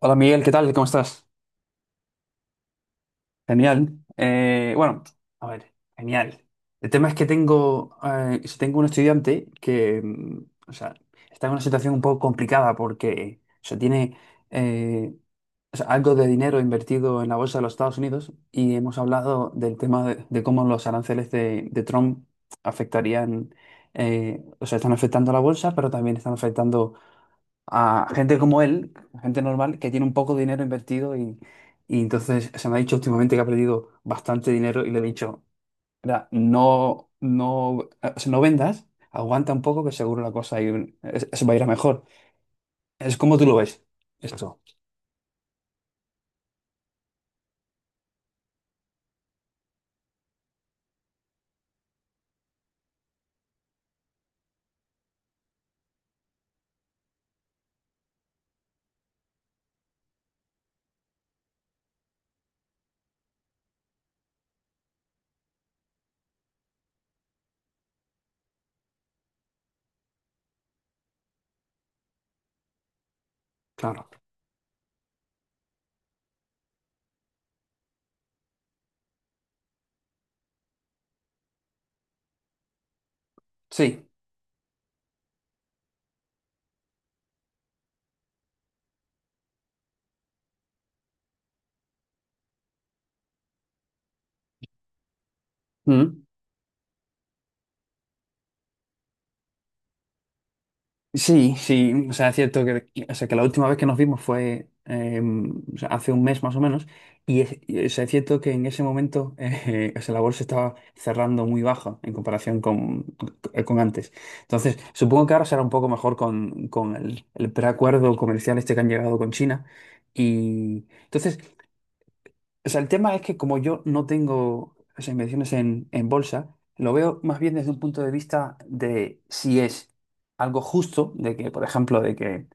Hola Miguel, ¿qué tal? ¿Cómo estás? Genial. Bueno, a ver, genial. El tema es que tengo, si tengo un estudiante que, o sea, está en una situación un poco complicada porque, o sea, tiene eh, o sea, algo de dinero invertido en la bolsa de los Estados Unidos y hemos hablado del tema de cómo los aranceles de Trump afectarían, o sea, están afectando a la bolsa, pero también están afectando a gente como él, gente normal, que tiene un poco de dinero invertido y entonces se me ha dicho últimamente que ha perdido bastante dinero y le he dicho, "Mira, no, no, o sea, no vendas, aguanta un poco que seguro la cosa ahí, se va a ir a mejor. Es como tú lo ves, esto, claro. Sí. Mm. Sí, sí, o sea, es cierto que, o sea, que la última vez que nos vimos fue o sea, hace un mes más o menos, o sea, es cierto que en ese momento o sea, la bolsa estaba cerrando muy baja en comparación con antes. Entonces, supongo que ahora será un poco mejor con el preacuerdo comercial este que han llegado con China. Y entonces, o sea, el tema es que como yo no tengo esas inversiones en bolsa, lo veo más bien desde un punto de vista de si es algo justo, de que, por ejemplo, de que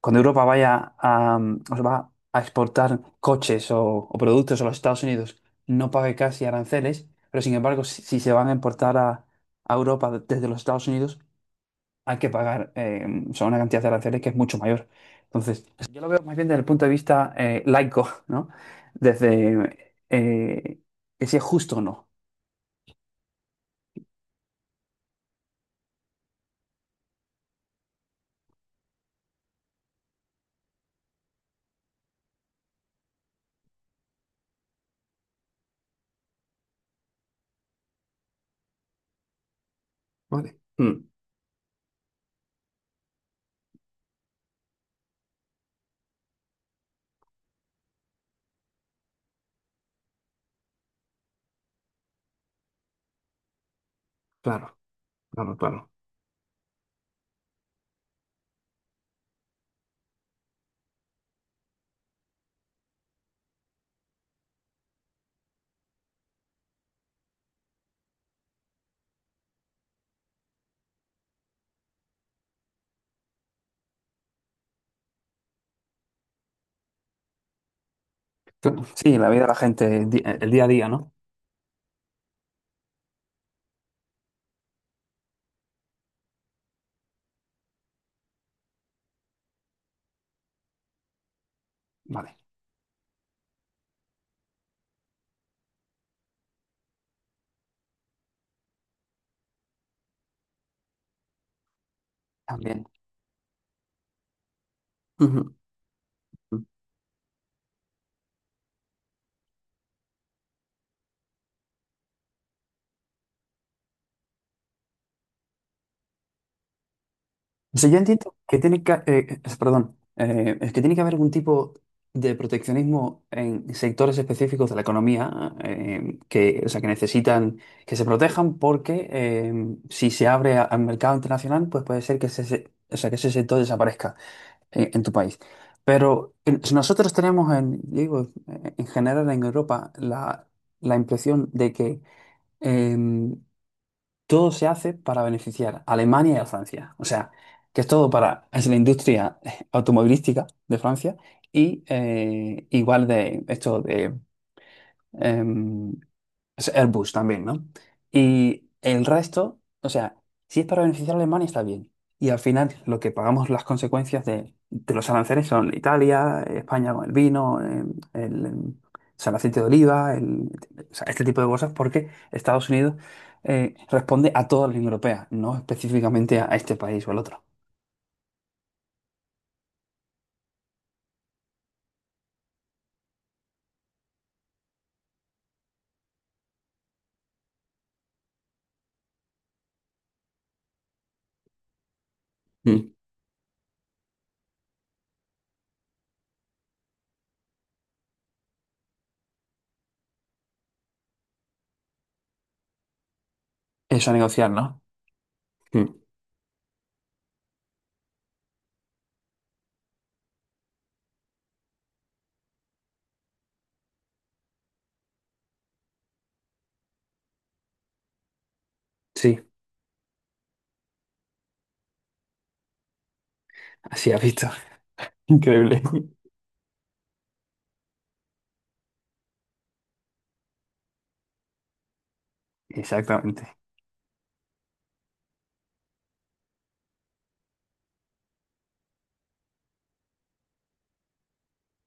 cuando Europa vaya a, o sea, va a exportar coches o productos a los Estados Unidos, no pague casi aranceles, pero sin embargo, si se van a importar a Europa desde los Estados Unidos, hay que pagar o sea, una cantidad de aranceles que es mucho mayor. Entonces, yo lo veo más bien desde el punto de vista laico, ¿no? Desde que si es justo o no. Vale. Mm. Claro, claro, claro. Claro. Sí, la vida de la gente, el día a día, ¿no? Vale. También. Ujú. O sea, yo entiendo que tiene que, es que tiene que haber algún tipo de proteccionismo en sectores específicos de la economía que, o sea, que necesitan que se protejan porque si se abre al mercado internacional, pues puede ser que o sea, que ese sector desaparezca en tu país. Pero si nosotros tenemos, en, digo, en general en Europa la, la impresión de que em, todo se hace para beneficiar a Alemania y a Francia. O sea, que es todo para es la industria automovilística de Francia y igual de esto de em, es Airbus también, ¿no? Y el resto, o sea, si es para beneficiar a Alemania está bien. Y al final lo que pagamos las consecuencias de los aranceles son Italia, España con el vino, el, o sea, el aceite de oliva, o sea, este tipo de cosas, porque Estados Unidos responde a toda la Unión Europea, no específicamente a este país o al otro. Mm. Eso, a negociar, ¿no? Mm. Sí, así has visto. Increíble. Exactamente,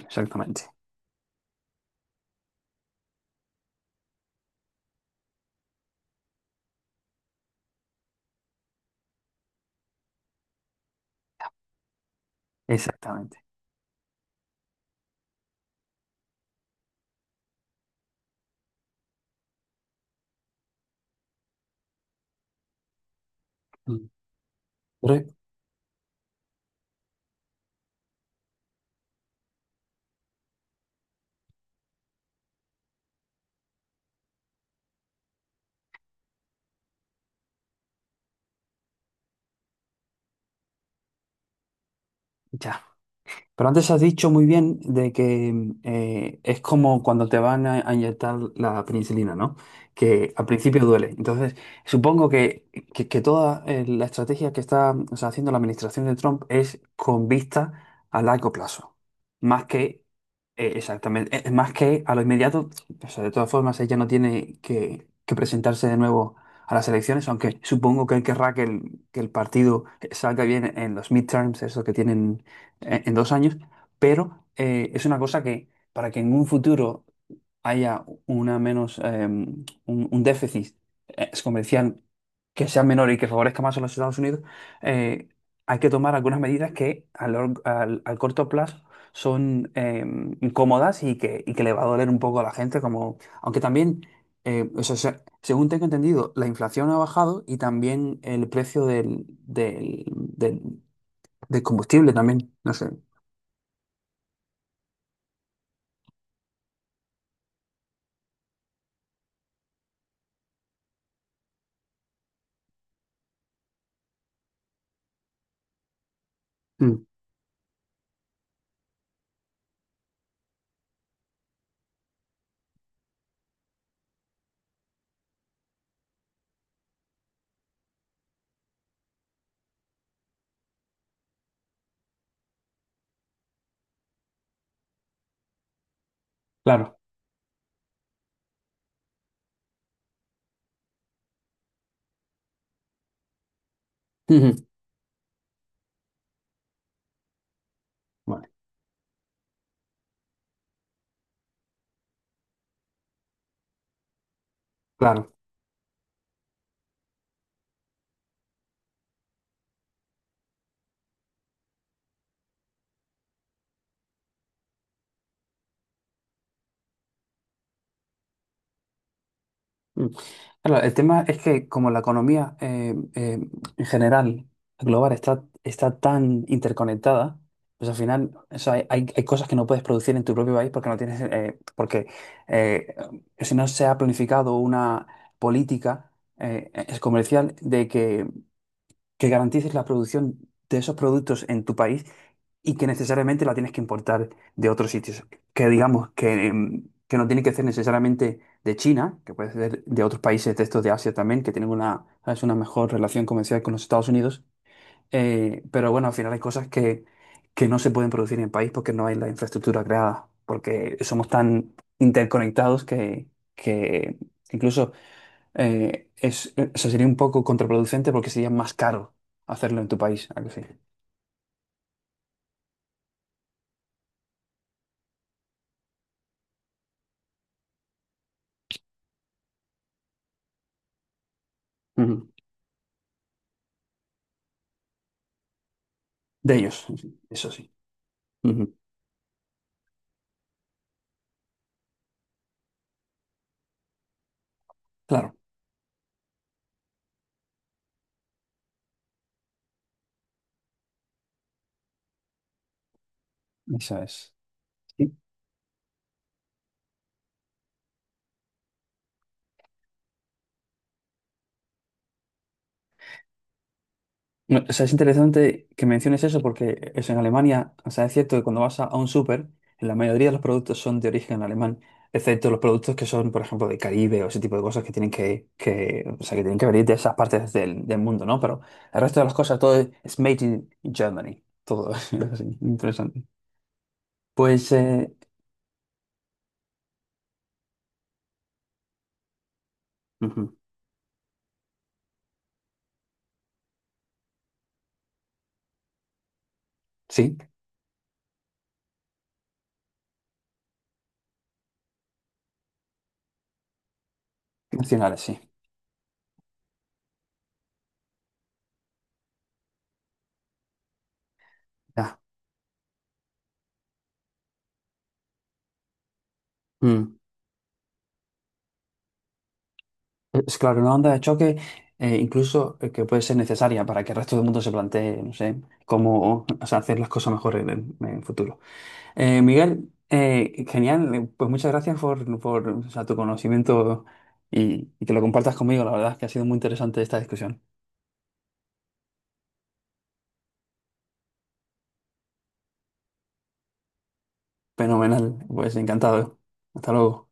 exactamente, exactamente. Mm. Pero ya. Pero antes has dicho muy bien de que es como cuando te van a inyectar la penicilina, ¿no? Que al principio duele. Entonces, supongo que, que toda la estrategia que está o sea, haciendo la administración de Trump es con vista a largo plazo, más que más que a lo inmediato. O sea, de todas formas, ella no tiene que presentarse de nuevo a las elecciones, aunque supongo que él querrá que que el partido salga bien en los midterms, eso que tienen en 2 años, pero es una cosa que para que en un futuro haya una menos, un déficit comercial que sea menor y que favorezca más a los Estados Unidos, eh, hay que tomar algunas medidas que al, al corto plazo son incómodas y que le va a doler un poco a la gente, como, aunque también, o sea, según tengo entendido, la inflación ha bajado y también el precio del combustible también, no sé. Mm, claro. Ujú. Bueno, claro. Mm. Claro, el tema es que como la economía en general, global, está, está tan interconectada, pues al final o sea, hay, hay cosas que no puedes producir en tu propio país porque no tienes, porque eh, si no se ha planificado una política es comercial de que garantices la producción de esos productos en tu país y que necesariamente la tienes que importar de otros sitios. Que digamos que, que no tiene que ser necesariamente de China, que puede ser de otros países de estos de Asia también, que tienen una, ¿sabes?, una mejor relación comercial con los Estados Unidos. Pero bueno, al final hay cosas que no se pueden producir en el país porque no hay la infraestructura creada, porque somos tan interconectados que incluso o sea, sería un poco contraproducente porque sería más caro hacerlo en tu país, ¿a que sí? Ujú. De ellos, eso sí, ujú. Claro, eso es. Sí. No, o sea, es interesante que menciones eso porque es en Alemania, o sea, es cierto que cuando vas a un súper, en la mayoría de los productos son de origen alemán, excepto los productos que son, por ejemplo, de Caribe o ese tipo de cosas que tienen que, o sea, que tienen que venir de esas partes del, del mundo, ¿no? Pero el resto de las cosas, todo es made in Germany, todo es así, interesante. Pues eh. Ujú. Sí, nacionales, sí. Ya. Mm. Es claro, una onda de choque incluso que puede ser necesaria para que el resto del mundo se plantee, no sé, cómo o sea, hacer las cosas mejor en en el futuro. Miguel, genial, pues muchas gracias por, o sea, tu conocimiento y que lo compartas conmigo. La verdad es que ha sido muy interesante esta discusión. Fenomenal, pues encantado. Hasta luego.